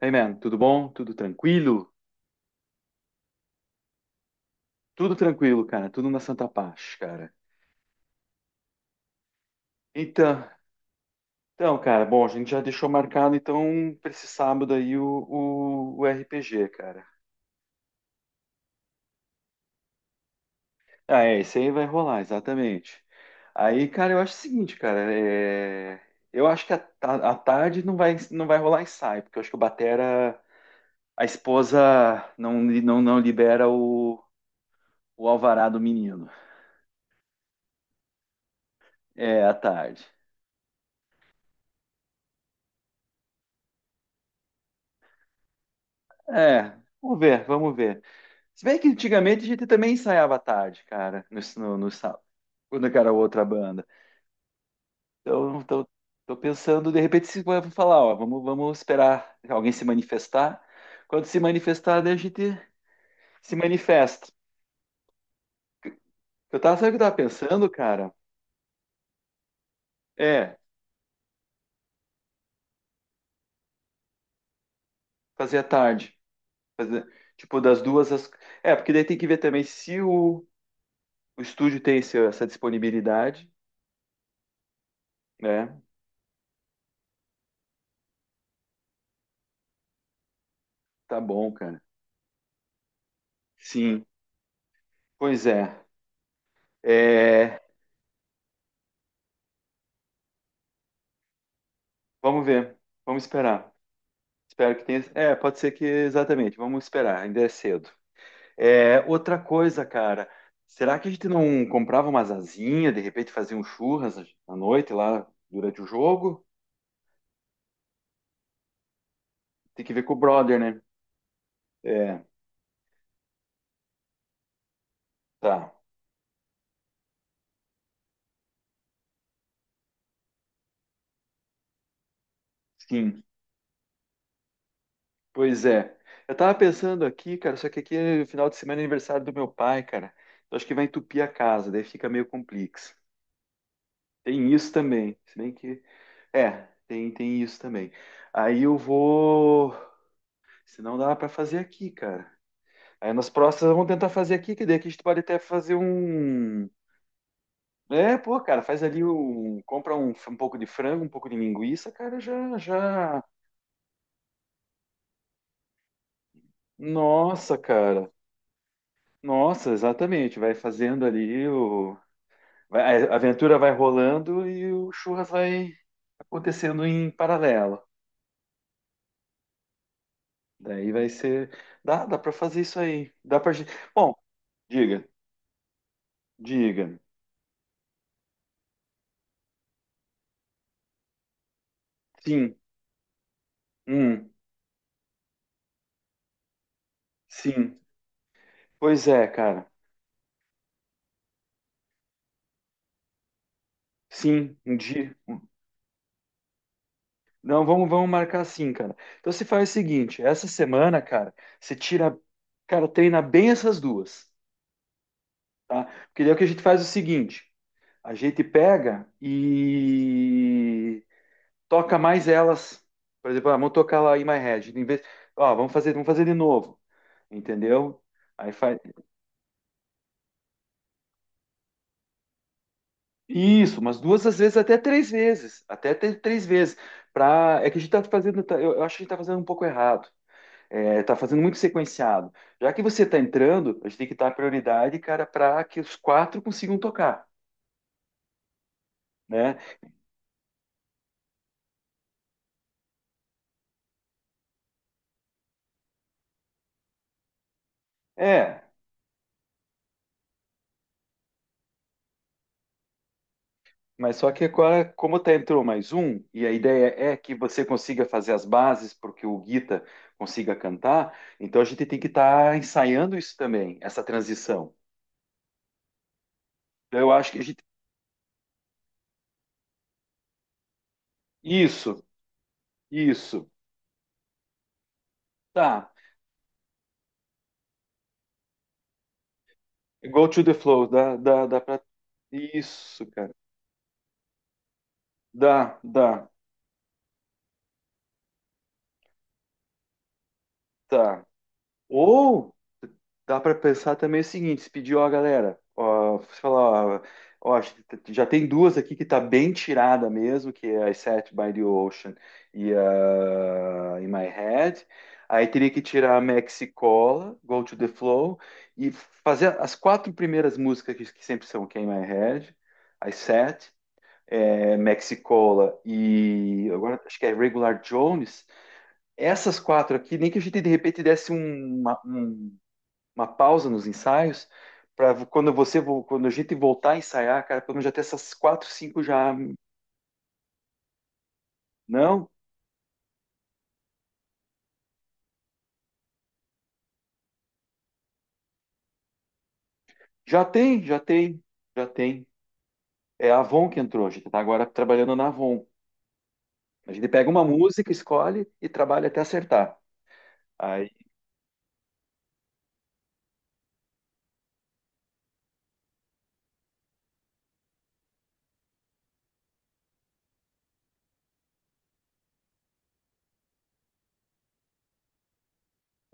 Hey man, tudo bom? Tudo tranquilo? Tudo tranquilo, cara. Tudo na Santa Paz, cara. Então, então, cara, bom, a gente já deixou marcado então para esse sábado aí o RPG, cara. Ah, é, esse aí vai rolar, exatamente. Aí, cara, eu acho o seguinte, cara, é. Eu acho que a tarde não vai rolar ensaio, porque eu acho que o Batera, a esposa não libera o alvará do menino. É, à tarde. É, vamos ver, vamos ver. Se bem que antigamente a gente também ensaiava à tarde, cara, no sábado, quando era outra banda. Então, tô pensando, de repente, se vai falar, ó, vamos esperar alguém se manifestar. Quando se manifestar, daí a gente se manifesta. Eu tava, sabe o que eu tava pensando, cara? É, fazer à tarde. Fazer, tipo, das duas às. É, porque daí tem que ver também se o estúdio tem essa disponibilidade, né? Tá bom, cara. Sim, pois é. É, vamos ver, vamos esperar. Espero que tenha. É, pode ser que exatamente. Vamos esperar, ainda é cedo. É, outra coisa, cara. Será que a gente não comprava umas asinhas, de repente fazia um churras à noite lá durante o jogo? Tem que ver com o brother, né? É, tá. Sim. Pois é. Eu tava pensando aqui, cara, só que aqui é final de semana é aniversário do meu pai, cara. Eu acho que vai entupir a casa, daí fica meio complexo. Tem isso também. Se bem que. É, tem isso também. Aí eu vou. Senão dá para fazer aqui, cara. Aí nas próximas vamos tentar fazer aqui, que daí aqui a gente pode até fazer um. É, pô, cara, faz ali um. Compra um, um pouco de frango, um pouco de linguiça, cara, já, já. Nossa, cara. Nossa, exatamente. Vai fazendo ali o. A aventura vai rolando e o churras vai acontecendo em paralelo. Daí vai ser. Dá pra fazer isso aí. Dá pra. Bom, diga, diga. Sim, hum, sim. Pois é, cara. Sim, um dia. Não, vamos marcar assim cara. Então você faz o seguinte, essa semana, cara, você tira, cara, treina bem essas duas, tá? Porque daí o que a gente faz é o seguinte, a gente pega e toca mais elas. Por exemplo, ah, vamos tocar lá In My Head, em vez, ó, vamos fazer de novo, entendeu? Aí faz isso, umas duas às vezes até três vezes, até ter três vezes, pra. É que a gente tá fazendo, eu acho que a gente tá fazendo um pouco errado. É, tá fazendo muito sequenciado. Já que você tá entrando, a gente tem que dar prioridade, cara, para que os quatro consigam tocar, né? É, mas só que agora, como tá entrou mais um, e a ideia é que você consiga fazer as bases porque o Guita consiga cantar, então a gente tem que estar ensaiando isso também, essa transição. Então, eu acho que a gente. Isso, isso. Tá. Go to the flow. Dá pra. Isso, cara. Dá, tá. Ou dá para pensar também o seguinte, se pedir, ó, galera, ó, você falar, ó, ó, acho que já tem duas aqui que tá bem tirada mesmo, que é I Sat by the Ocean e a In My Head. Aí teria que tirar a Mexicola, Go to the Flow, e fazer as quatro primeiras músicas que sempre são, que é In My Head, I Sat, é, Mexicola e agora acho que é Regular Jones. Essas quatro aqui, nem que a gente de repente desse uma pausa nos ensaios, para quando você quando a gente voltar a ensaiar, cara, pelo menos já ter essas quatro, cinco já. Não, já tem, já tem, já tem. É a Avon que entrou, a gente está agora trabalhando na Avon. A gente pega uma música, escolhe e trabalha até acertar. Aí,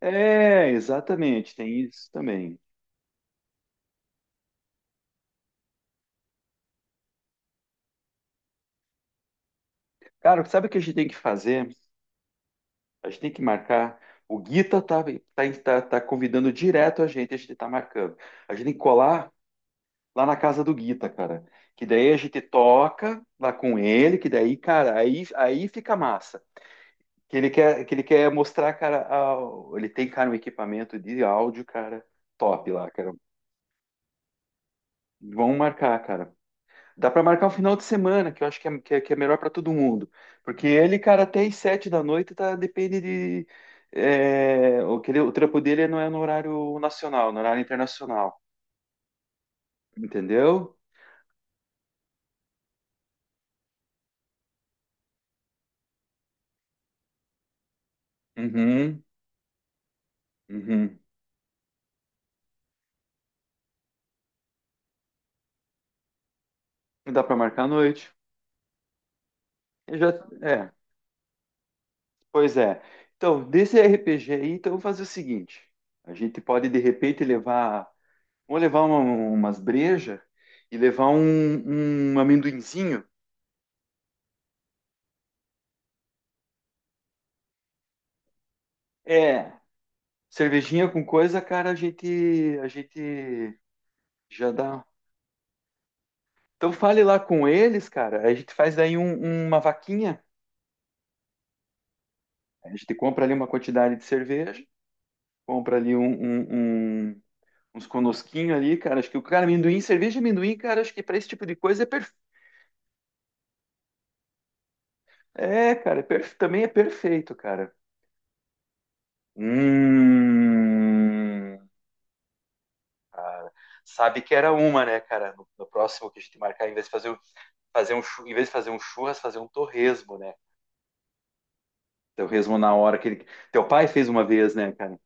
é, exatamente, tem isso também. Cara, sabe o que a gente tem que fazer? A gente tem que marcar. O Guita tá convidando direto a gente tá marcando. A gente tem que colar lá na casa do Guita, cara. Que daí a gente toca lá com ele, que daí, cara, aí fica massa. Que ele quer mostrar, cara, ele tem, cara, um equipamento de áudio, cara, top lá, cara. Vão marcar, cara. Dá pra marcar um final de semana, que eu acho que é, que é melhor pra todo mundo. Porque ele, cara, até às 7 da noite, tá, depende de. É, o trampo dele não é no horário nacional, no horário internacional. Entendeu? Uhum, uhum. Dá pra marcar à noite. Eu já, é, pois é. Então, desse RPG aí, então vamos fazer o seguinte: a gente pode de repente levar, vamos levar umas brejas e levar um amendoinzinho. É, cervejinha com coisa, cara, a gente já dá. Então fale lá com eles, cara. A gente faz daí uma vaquinha. A gente compra ali uma quantidade de cerveja, compra ali uns conosquinhos ali, cara. Acho que o cara amendoim, cerveja e amendoim, cara, acho que para esse tipo de coisa é perfeito. É, cara, também é perfeito, cara. Hum. Cara, sabe que era uma, né, cara? No próximo que a gente marcar, em vez de fazer, em vez de fazer um churras, fazer um torresmo, né? Torresmo na hora que ele. Teu pai fez uma vez, né, cara?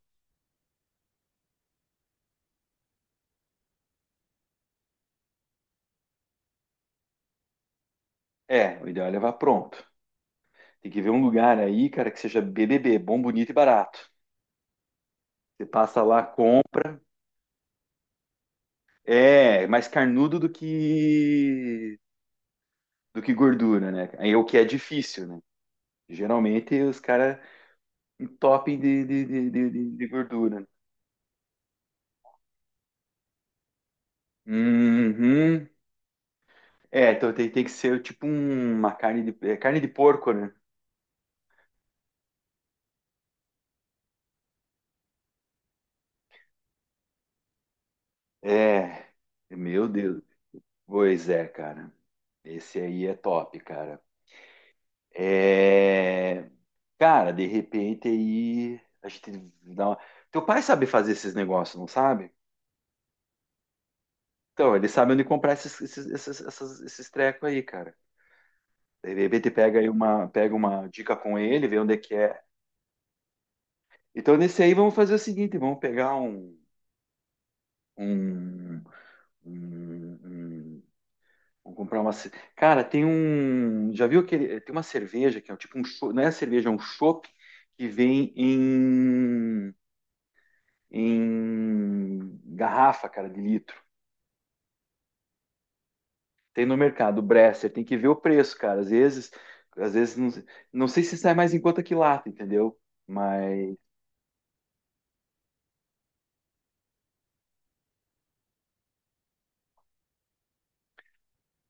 É, o ideal é levar pronto. Tem que ver um lugar aí, cara, que seja BBB, bom, bonito e barato. Você passa lá, compra. É, mais carnudo do que gordura, né? Aí é o que é difícil, né? Geralmente os caras um topping de gordura. Uhum. É, então tem que ser tipo uma carne de porco, né? É, meu Deus. Pois é, cara. Esse aí é top, cara. É, cara, de repente aí a gente dá uma. Teu pai sabe fazer esses negócios, não sabe? Então, ele sabe onde comprar esses trecos aí, cara. De repente pega uma dica com ele, vê onde é que é. Então, nesse aí, vamos fazer o seguinte: vamos pegar um. um, um- um- Vamos comprar uma. Cara, tem um. Já viu aquele. Tem uma cerveja que é tipo um. Não é cerveja, é um chopp que vem Em. Garrafa, cara, de litro. Tem no mercado, Bresser. Tem que ver o preço, cara. Às vezes. Às vezes não, não sei se sai mais em conta que lata, entendeu? Mas.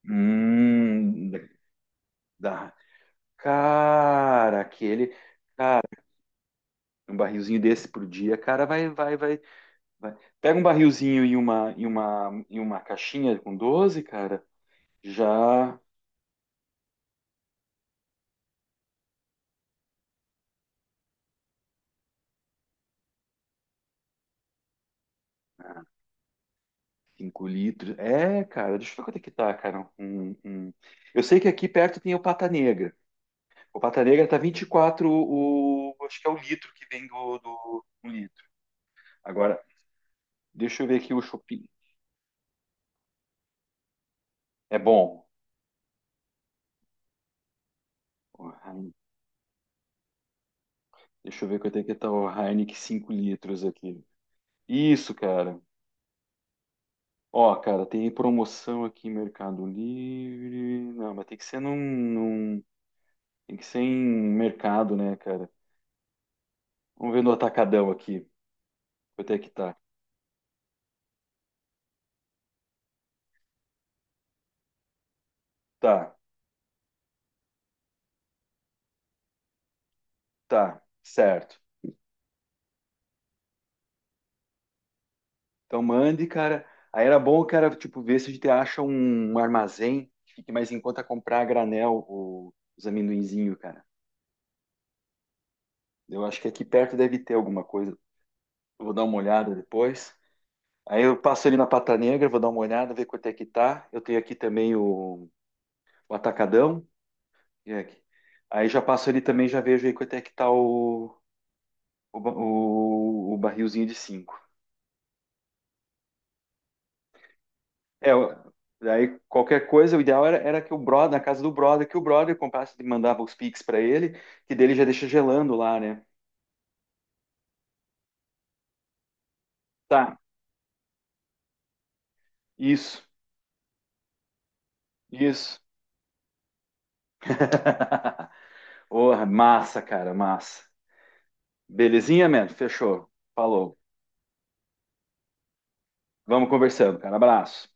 Hum, da, Cara, aquele um barrilzinho desse por dia, cara, vai, vai, vai, vai. Pega um barrilzinho e uma caixinha com 12, cara, já 5 litros. É, cara, deixa eu ver quanto é que tá, cara. Eu sei que aqui perto tem o Pata Negra. O Pata Negra tá 24, o. Acho que é o litro que vem do um litro. Agora, deixa eu ver aqui o Chopin. É bom. O Heine- Deixa eu ver quanto é que tá o Heineken 5 litros aqui. Isso, cara. Ó, cara, tem promoção aqui em Mercado Livre. Não, mas tem que ser num. Tem que ser em mercado, né, cara? Vamos ver no atacadão aqui. Quanto é que tá? Tá, tá, certo. Então mande, cara. Aí era bom, cara, tipo, ver se a gente acha um armazém que fique mais em conta comprar a granel os amendoinzinhos, cara. Eu acho que aqui perto deve ter alguma coisa. Eu vou dar uma olhada depois. Aí eu passo ali na Pata Negra, vou dar uma olhada, ver quanto é que tá. Eu tenho aqui também o Atacadão. Jack. Aí já passo ali também, já vejo aí quanto é que tá o barrilzinho de 5. É, daí qualquer coisa, o ideal era que o brother, na casa do brother, que o brother comprasse e mandava os Pix pra ele, que dele já deixa gelando lá, né? Tá, isso, isso. Porra, massa, cara, massa. Belezinha, mano? Fechou. Falou. Vamos conversando, cara. Abraço.